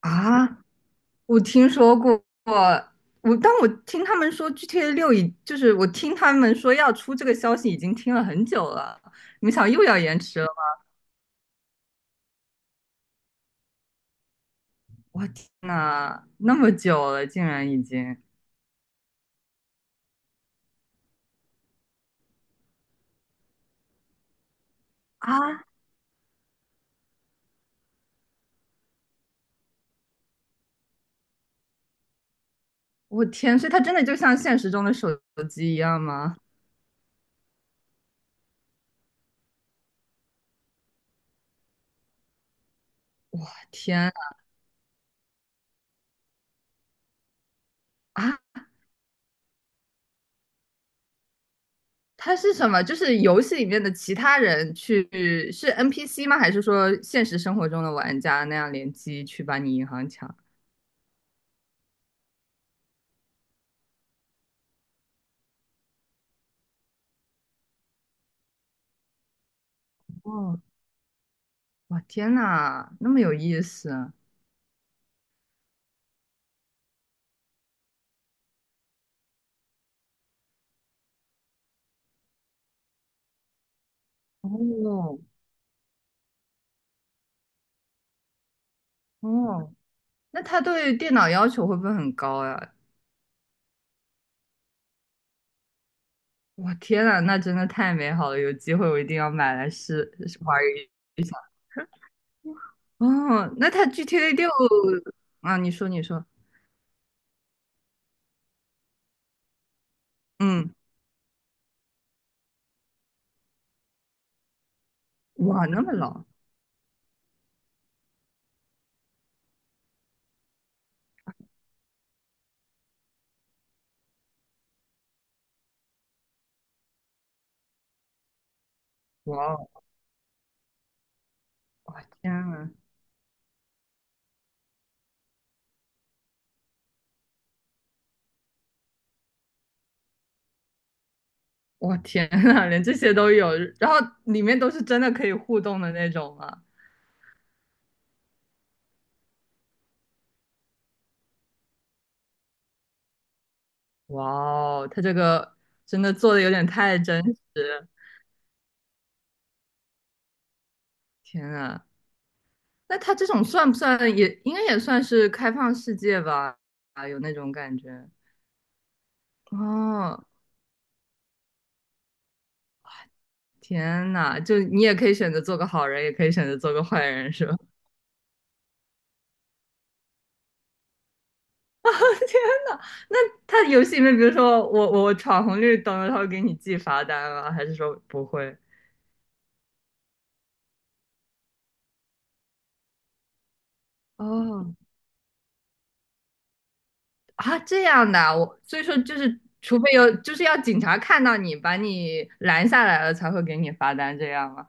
啊，我听说过，但我听他们说 GTA 六就是我听他们说要出这个消息已经听了很久了，没想到又要延迟了。我天呐，那么久了，竟然已经啊！我天，所以它真的就像现实中的手机一样吗？天啊！啊它是什么？就是游戏里面的其他人去是 NPC 吗？还是说现实生活中的玩家那样联机去把你银行抢？哦，哇，天呐，那么有意思啊！哦哦，那他对电脑要求会不会很高呀？哇，天呐，那真的太美好了！有机会我一定要买来试试玩一下。哦，那他 GTA 六啊，你说你说，嗯，哇，那么老，哇哦，哇天呐，哇天呐，连这些都有，然后里面都是真的可以互动的那种啊，哇哦，他这个真的做的有点太真实，天呐！那他这种算不算也应该也算是开放世界吧？啊，有那种感觉。哦，天呐，就你也可以选择做个好人，也可以选择做个坏人，是吧？啊，天呐，那他游戏里面，比如说我闯红绿灯，他会给你记罚单吗？还是说不会？哦，啊，这样的啊我所以说就是，除非有就是要警察看到你把你拦下来了，才会给你罚单，这样吗？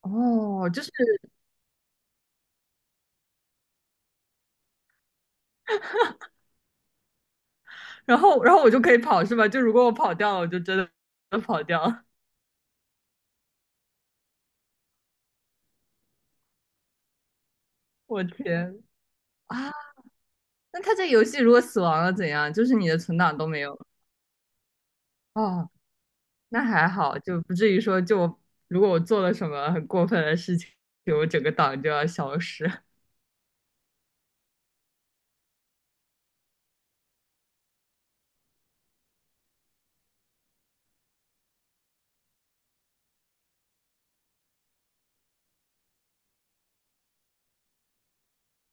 哦，就是然后我就可以跑是吧？就如果我跑掉了，我就真的跑掉了。我天啊！那他这游戏如果死亡了怎样？就是你的存档都没有了哦，那还好，就不至于说就我如果我做了什么很过分的事情，就我整个档就要消失。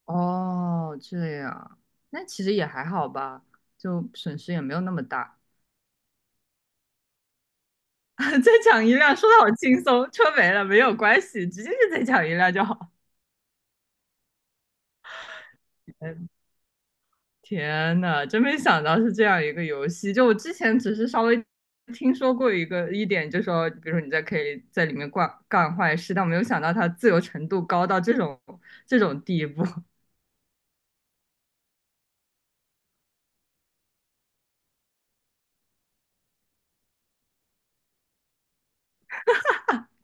哦，这样，那其实也还好吧，就损失也没有那么大。再抢一辆，说的好轻松，车没了没有关系，直接就再抢一辆就好。哎天呐，真没想到是这样一个游戏。就我之前只是稍微听说过一点，就说，比如说你在可以在里面干干坏事，但我没有想到它自由程度高到这种地步。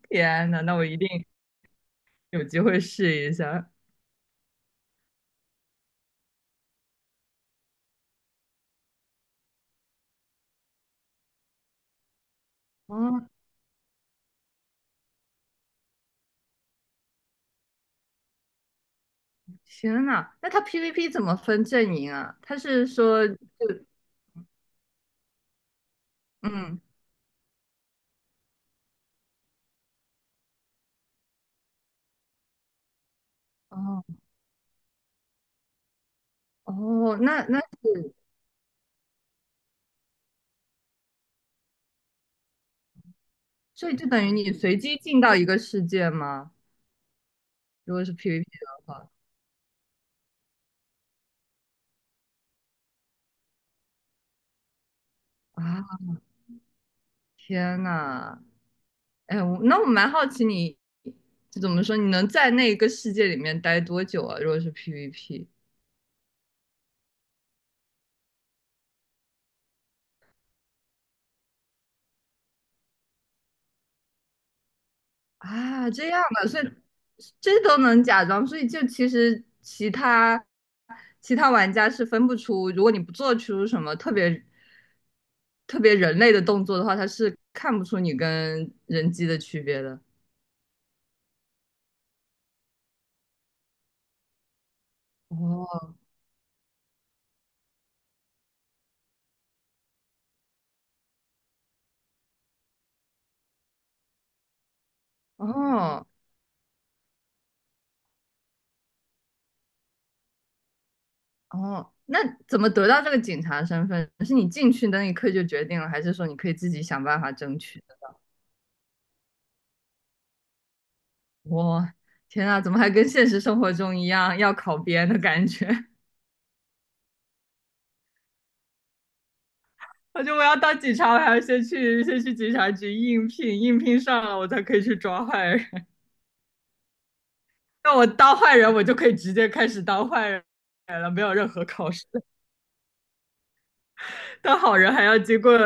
天呐，那我一定有机会试一下。哦，天呐，那它 PVP 怎么分阵营啊？他是说，嗯，哦哦，那所以就等于你随机进到一个世界吗？如果是 PVP 的话，啊，天呐！哎，我那我蛮好奇你，就怎么说，你能在那个世界里面待多久啊？如果是 PVP 啊，这样的，所以这都能假装，所以就其实其他玩家是分不出，如果你不做出什么特别人类的动作的话，他是看不出你跟人机的区别的。哦哦哦，那怎么得到这个警察身份？是你进去的那一刻就决定了，还是说你可以自己想办法争取？我天呐，怎么还跟现实生活中一样要考编的感觉？我觉得我要当警察，我还要先去警察局应聘，应聘上了我才可以去抓坏人。那我当坏人，我就可以直接开始当坏人了，没有任何考试。当好人还要经过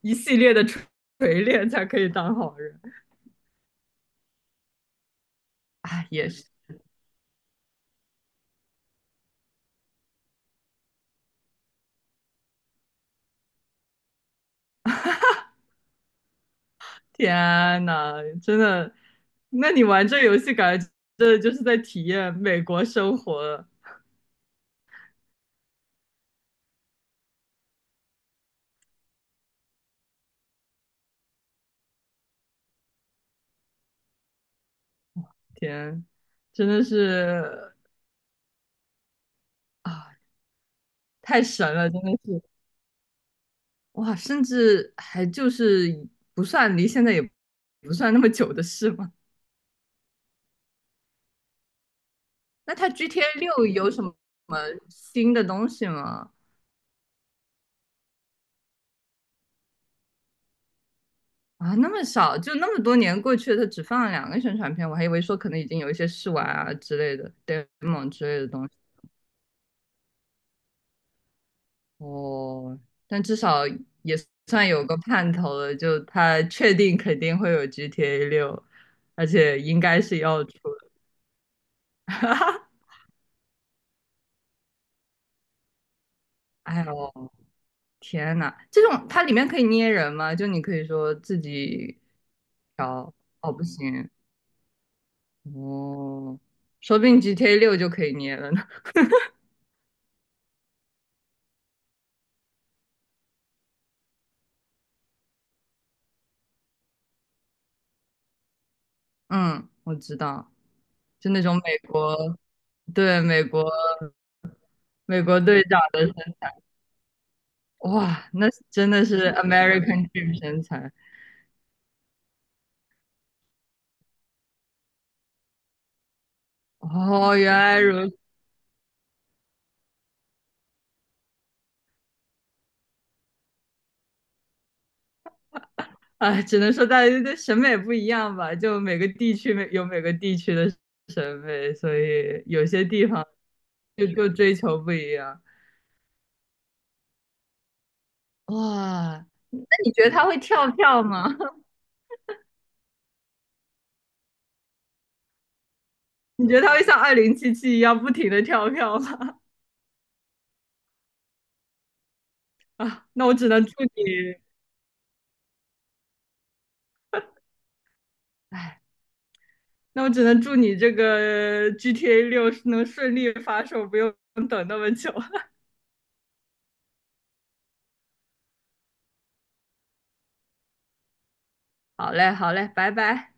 一系列的锤炼才可以当好人。哎，也是，天呐，真的，那你玩这游戏感觉真的就是在体验美国生活，天，真的是。啊，太神了，真的是哇！甚至还就是不算离现在也不算那么久的事嘛。那它 GTA 六有什么新的东西吗？啊，那么少，就那么多年过去了，它只放了两个宣传片，我还以为说可能已经有一些试玩啊之类的 demo 之类的东西。哦，但至少也算有个盼头了，就它确定肯定会有 GTA 六，而且应该是要出哈，哎呦。天呐，这种它里面可以捏人吗？就你可以说自己调，哦，不行，哦，说不定 GTA 六就可以捏了呢。嗯，我知道，就那种美国，对，美国美国队长的身，哇，那真的是 American Dream 身材。哦，原来如此，哎只能说大家的审美不一样吧，就每个地区每个地区的审美，所以有些地方就追求不一样。哇，那你觉得他会跳票吗？你觉得他会像2077一样不停的跳票吗？那我只能祝你，哎，那我只能祝你这个 GTA 六能顺利发售，不用等那么久。好嘞，好嘞，拜拜。